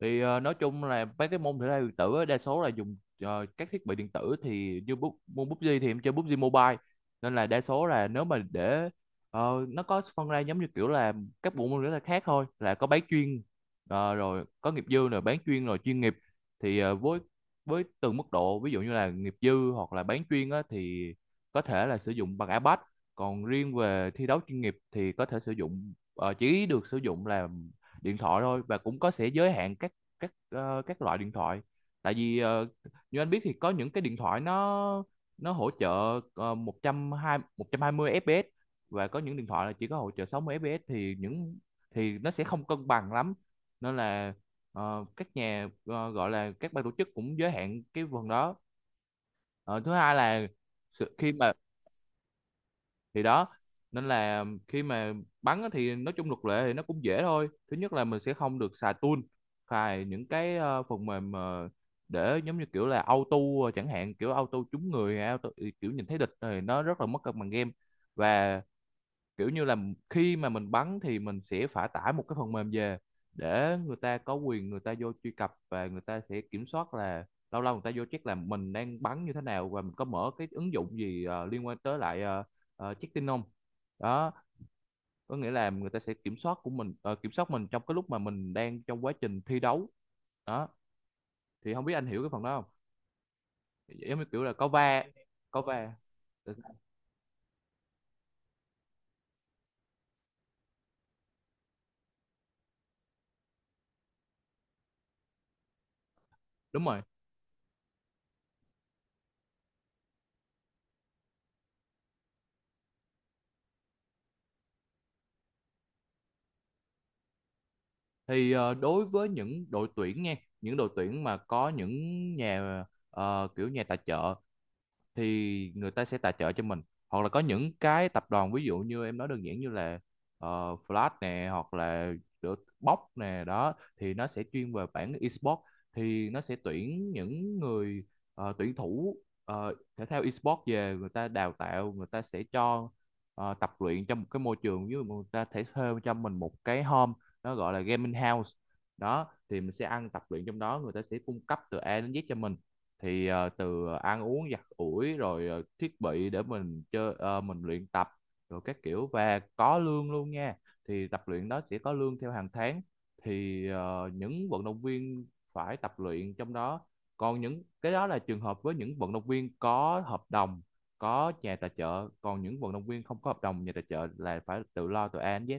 Thì nói chung là mấy cái môn thể thao điện tử á, đa số là dùng các thiết bị điện tử. Thì như bút môn PUBG thì em chơi PUBG Mobile, nên là đa số là nếu mà để nó có phân ra giống như kiểu là các bộ môn thể thao khác thôi, là có bán chuyên, rồi có nghiệp dư, rồi bán chuyên, rồi chuyên nghiệp. Thì với từng mức độ, ví dụ như là nghiệp dư hoặc là bán chuyên á, thì có thể là sử dụng bằng iPad. Còn riêng về thi đấu chuyên nghiệp thì có thể sử dụng, chỉ được sử dụng là điện thoại thôi, và cũng có sẽ giới hạn các loại điện thoại. Tại vì như anh biết, thì có những cái điện thoại nó hỗ trợ 120 fps, và có những điện thoại là chỉ có hỗ trợ 60 fps, thì nó sẽ không cân bằng lắm. Nên là gọi là các ban tổ chức cũng giới hạn cái phần đó. Ờ, Thứ hai là, khi mà, thì đó nên là khi mà bắn á, thì nói chung luật lệ thì nó cũng dễ thôi. Thứ nhất là mình sẽ không được xài tool, xài những cái phần mềm, để giống như kiểu là auto, chẳng hạn kiểu auto trúng người, auto kiểu nhìn thấy địch, thì nó rất là mất cân bằng game. Và kiểu như là khi mà mình bắn thì mình sẽ phải tải một cái phần mềm về, để người ta có quyền, người ta vô truy cập, và người ta sẽ kiểm soát là lâu lâu người ta vô check là mình đang bắn như thế nào, và mình có mở cái ứng dụng gì liên quan tới lại, check tin không. Đó, có nghĩa là người ta sẽ kiểm soát của mình, kiểm soát mình trong cái lúc mà mình đang trong quá trình thi đấu. Đó, thì không biết anh hiểu cái phần đó không, giống như kiểu là có va. Đúng rồi. Đối với những đội tuyển nha, những đội tuyển mà có những nhà ờ, kiểu nhà tài trợ, thì người ta sẽ tài trợ cho mình, hoặc là có những cái tập đoàn, ví dụ như em nói đơn giản như là Flash nè, hoặc là Box nè. Đó thì nó sẽ chuyên về bản esports, thì nó sẽ tuyển những người, tuyển thủ thể thao esports về, người ta đào tạo, người ta sẽ cho tập luyện trong một cái môi trường, như người ta thể thuê cho mình một cái home, nó gọi là gaming house. Đó thì mình sẽ ăn tập luyện trong đó, người ta sẽ cung cấp từ A đến Z cho mình. Thì từ ăn uống, giặt ủi, rồi thiết bị để mình chơi, mình luyện tập, rồi các kiểu, và có lương luôn nha. Thì tập luyện đó sẽ có lương theo hàng tháng. Thì những vận động viên phải tập luyện trong đó. Còn những cái đó là trường hợp với những vận động viên có hợp đồng, có nhà tài trợ. Còn những vận động viên không có hợp đồng nhà tài trợ là phải tự lo từ A đến Z.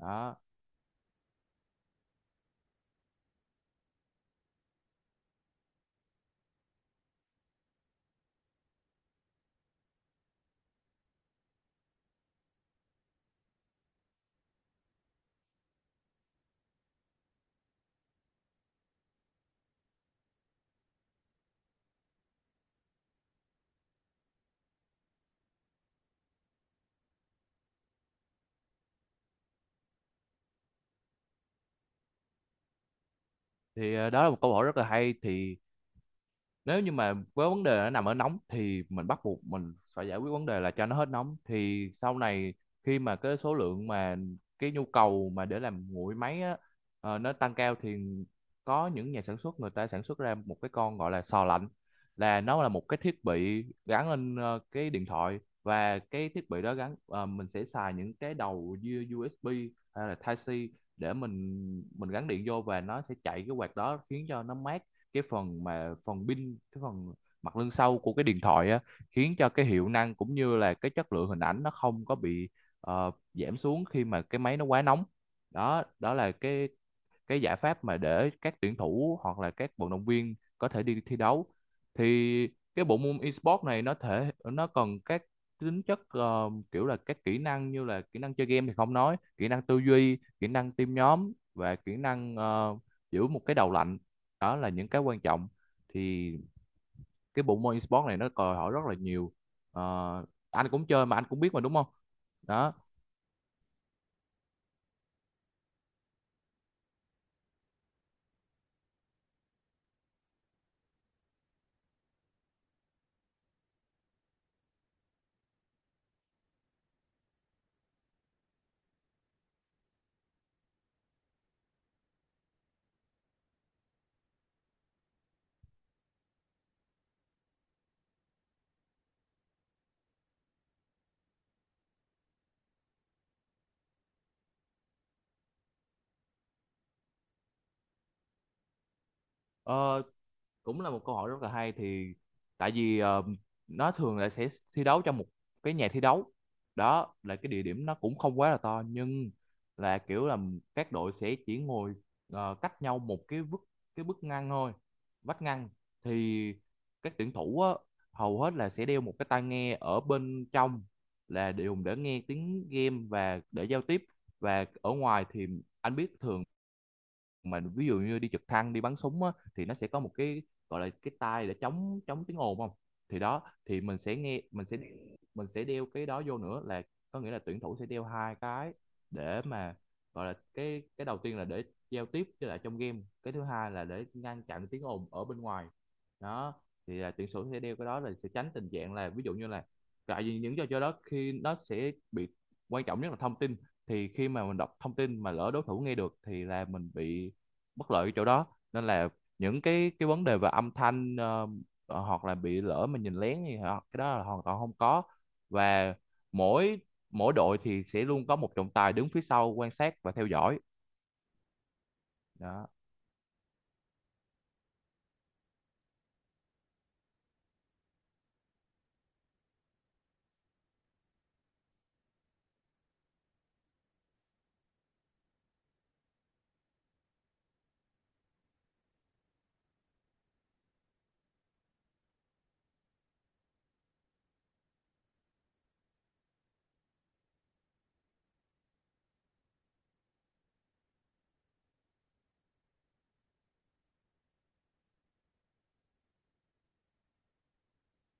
Đó. Đó là một câu hỏi rất là hay. Thì nếu như mà với vấn đề nó nằm ở nóng, thì mình bắt buộc mình phải giải quyết vấn đề là cho nó hết nóng. Thì sau này khi mà cái số lượng mà, cái nhu cầu mà để làm nguội máy á, nó tăng cao, thì có những nhà sản xuất người ta sản xuất ra một cái con gọi là sò lạnh. Là nó là một cái thiết bị gắn lên cái điện thoại, và cái thiết bị đó gắn, mình sẽ xài những cái đầu USB hay là Type-C để mình gắn điện vô, và nó sẽ chạy cái quạt đó khiến cho nó mát cái phần mà, phần pin, cái phần mặt lưng sau của cái điện thoại á, khiến cho cái hiệu năng cũng như là cái chất lượng hình ảnh nó không có bị giảm xuống khi mà cái máy nó quá nóng. Đó, đó là cái giải pháp mà để các tuyển thủ hoặc là các vận động viên có thể đi thi đấu. Thì cái bộ môn esports này nó thể nó cần các tính chất, kiểu là các kỹ năng, như là kỹ năng chơi game thì không nói, kỹ năng tư duy, kỹ năng team nhóm, và kỹ năng giữ một cái đầu lạnh. Đó là những cái quan trọng. Thì cái bộ môn esports này nó đòi hỏi rất là nhiều. Ờ, anh cũng chơi mà anh cũng biết mà, đúng không. Đó. Ờ, cũng là một câu hỏi rất là hay. Thì tại vì nó thường là sẽ thi đấu trong một cái nhà thi đấu, đó là cái địa điểm nó cũng không quá là to, nhưng là kiểu là các đội sẽ chỉ ngồi cách nhau một cái bức, cái bức ngăn thôi vách ngăn. Thì các tuyển thủ á, hầu hết là sẽ đeo một cái tai nghe ở bên trong, là dùng để nghe tiếng game và để giao tiếp. Và ở ngoài thì anh biết, thường mà ví dụ như đi trực thăng, đi bắn súng á, thì nó sẽ có một cái gọi là cái tai để chống chống tiếng ồn không. Thì đó, thì mình sẽ nghe mình sẽ đeo cái đó vô nữa. Là có nghĩa là tuyển thủ sẽ đeo hai cái, để mà gọi là, cái đầu tiên là để giao tiếp với lại trong game, cái thứ hai là để ngăn chặn tiếng ồn ở bên ngoài. Đó, thì là tuyển thủ sẽ đeo cái đó là sẽ tránh tình trạng là, ví dụ như là, tại vì những trò chơi đó khi nó sẽ bị, quan trọng nhất là thông tin. Thì khi mà mình đọc thông tin mà lỡ đối thủ nghe được, thì là mình bị bất lợi ở chỗ đó. Nên là những cái vấn đề về âm thanh, hoặc là bị lỡ mình nhìn lén gì, hoặc cái đó là hoàn toàn không có. Và mỗi mỗi đội thì sẽ luôn có một trọng tài đứng phía sau quan sát và theo dõi. Đó.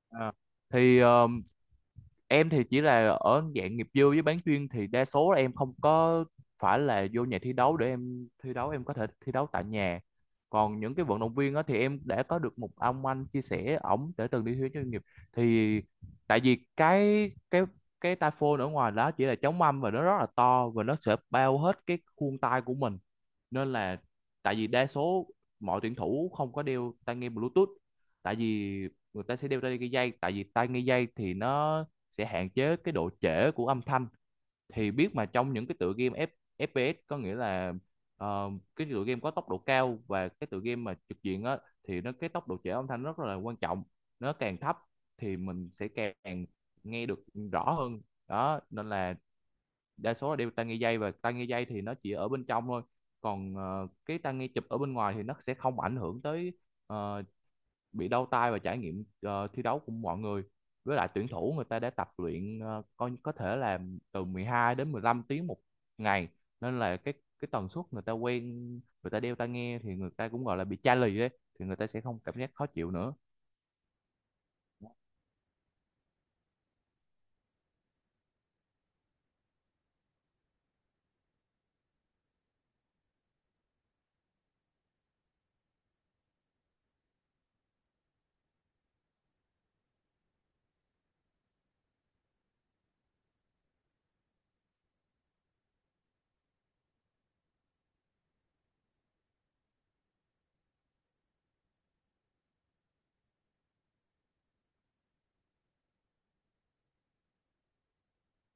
À, thì ờ, em thì chỉ là ở dạng nghiệp dư với bán chuyên, thì đa số là em không có phải là vô nhà thi đấu để em thi đấu, em có thể thi đấu tại nhà. Còn những cái vận động viên đó thì em đã có được một ông anh chia sẻ, ổng để từng đi thi đấu chuyên nghiệp. Thì tại vì cái tai ở ngoài đó chỉ là chống âm, và nó rất là to, và nó sẽ bao hết cái khuôn tay của mình. Nên là, tại vì đa số mọi tuyển thủ không có đeo tai nghe Bluetooth. Tại vì người ta sẽ đeo tai nghe dây, tại vì tai nghe dây thì nó sẽ hạn chế cái độ trễ của âm thanh. Thì biết mà trong những cái tựa game FPS, có nghĩa là ờ, cái tựa game có tốc độ cao, và cái tựa game mà trực diện á, thì nó cái tốc độ trễ âm thanh rất là quan trọng. Nó càng thấp thì mình sẽ càng nghe được rõ hơn. Đó nên là đa số là đeo tai nghe dây, và tai nghe dây thì nó chỉ ở bên trong thôi. Còn cái tai nghe chụp ở bên ngoài thì nó sẽ không ảnh hưởng tới ờ, bị đau tay và trải nghiệm thi đấu của mọi người. Với lại tuyển thủ người ta đã tập luyện, coi có thể là từ 12 đến 15 tiếng một ngày. Nên là cái tần suất người ta quen. Người ta đeo tai nghe thì người ta cũng gọi là bị chai lì đấy, thì người ta sẽ không cảm giác khó chịu nữa.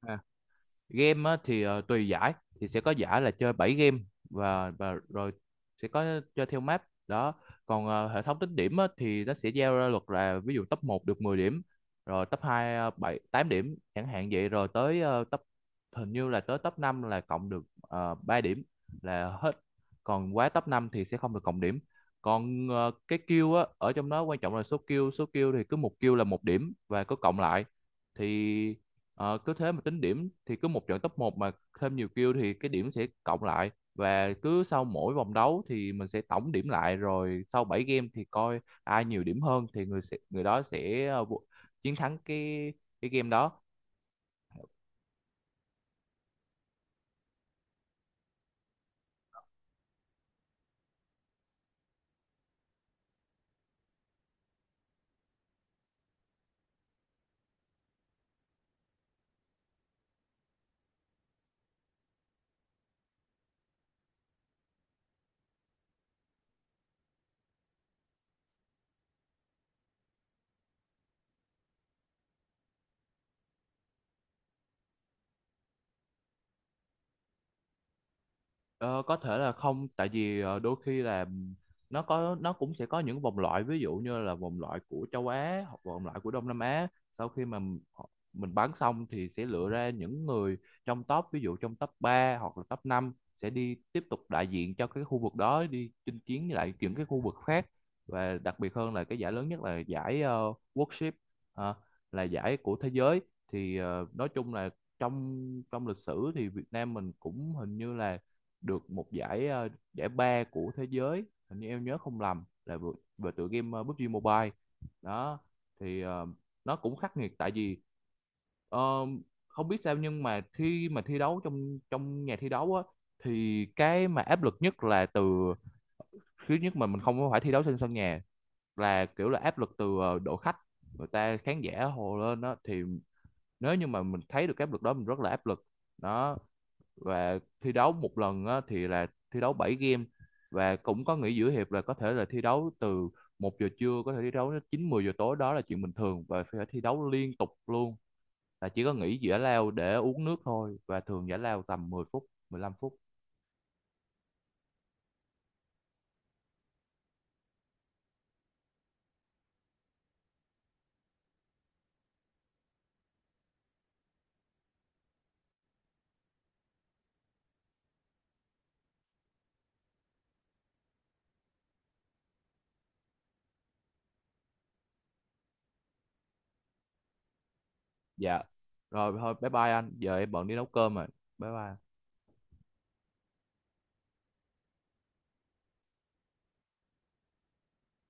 À, game á, thì tùy giải. Thì sẽ có giải là chơi 7 game, và rồi sẽ có chơi theo map đó. Còn hệ thống tính điểm á, thì nó sẽ giao ra luật là ví dụ top một được 10 điểm, rồi top 2 7 8 điểm chẳng hạn vậy. Rồi tới ờ, top hình như là tới top 5 là cộng được 3 điểm là hết. Còn quá top 5 thì sẽ không được cộng điểm. Còn cái kill á ở trong đó, quan trọng là số kill. Số kill thì cứ một kill là một điểm và cứ cộng lại. Thì cứ thế mà tính điểm. Thì cứ một trận top một mà thêm nhiều kill thì cái điểm sẽ cộng lại, và cứ sau mỗi vòng đấu thì mình sẽ tổng điểm lại, rồi sau 7 game thì coi ai nhiều điểm hơn, thì người đó sẽ chiến thắng cái game đó. Ờ, có thể là không. Tại vì đôi khi là nó cũng sẽ có những vòng loại, ví dụ như là vòng loại của châu Á hoặc vòng loại của Đông Nam Á. Sau khi mà mình bán xong thì sẽ lựa ra những người trong top, ví dụ trong top 3 hoặc là top năm, sẽ đi tiếp tục đại diện cho cái khu vực đó đi chinh chiến với lại những cái khu vực khác. Và đặc biệt hơn là cái giải lớn nhất là giải World Ship, ờ, là giải của thế giới. Thì nói chung là, trong trong lịch sử thì Việt Nam mình cũng hình như là được một giải, giải ba của thế giới, hình như em nhớ không lầm, là về tựa game, PUBG Mobile. Đó. Thì nó cũng khắc nghiệt. Tại vì ờ, không biết sao, nhưng mà khi mà thi đấu trong trong nhà thi đấu á, thì cái mà áp lực nhất là từ, thứ nhất mà mình không phải thi đấu trên sân nhà, là kiểu là áp lực từ đội khách. Người ta khán giả hồ lên đó, thì nếu như mà mình thấy được cái áp lực đó mình rất là áp lực. Đó. Và thi đấu một lần á, thì là thi đấu 7 game, và cũng có nghỉ giữa hiệp. Là có thể là thi đấu từ 1 giờ trưa, có thể thi đấu đến 9 10 giờ tối, đó là chuyện bình thường, và phải thi đấu liên tục luôn. Là chỉ có nghỉ giải lao để uống nước thôi, và thường giải lao tầm 10 phút, 15 phút. Dạ, rồi thôi. Bye bye anh, giờ em bận đi nấu cơm rồi. Bye bye.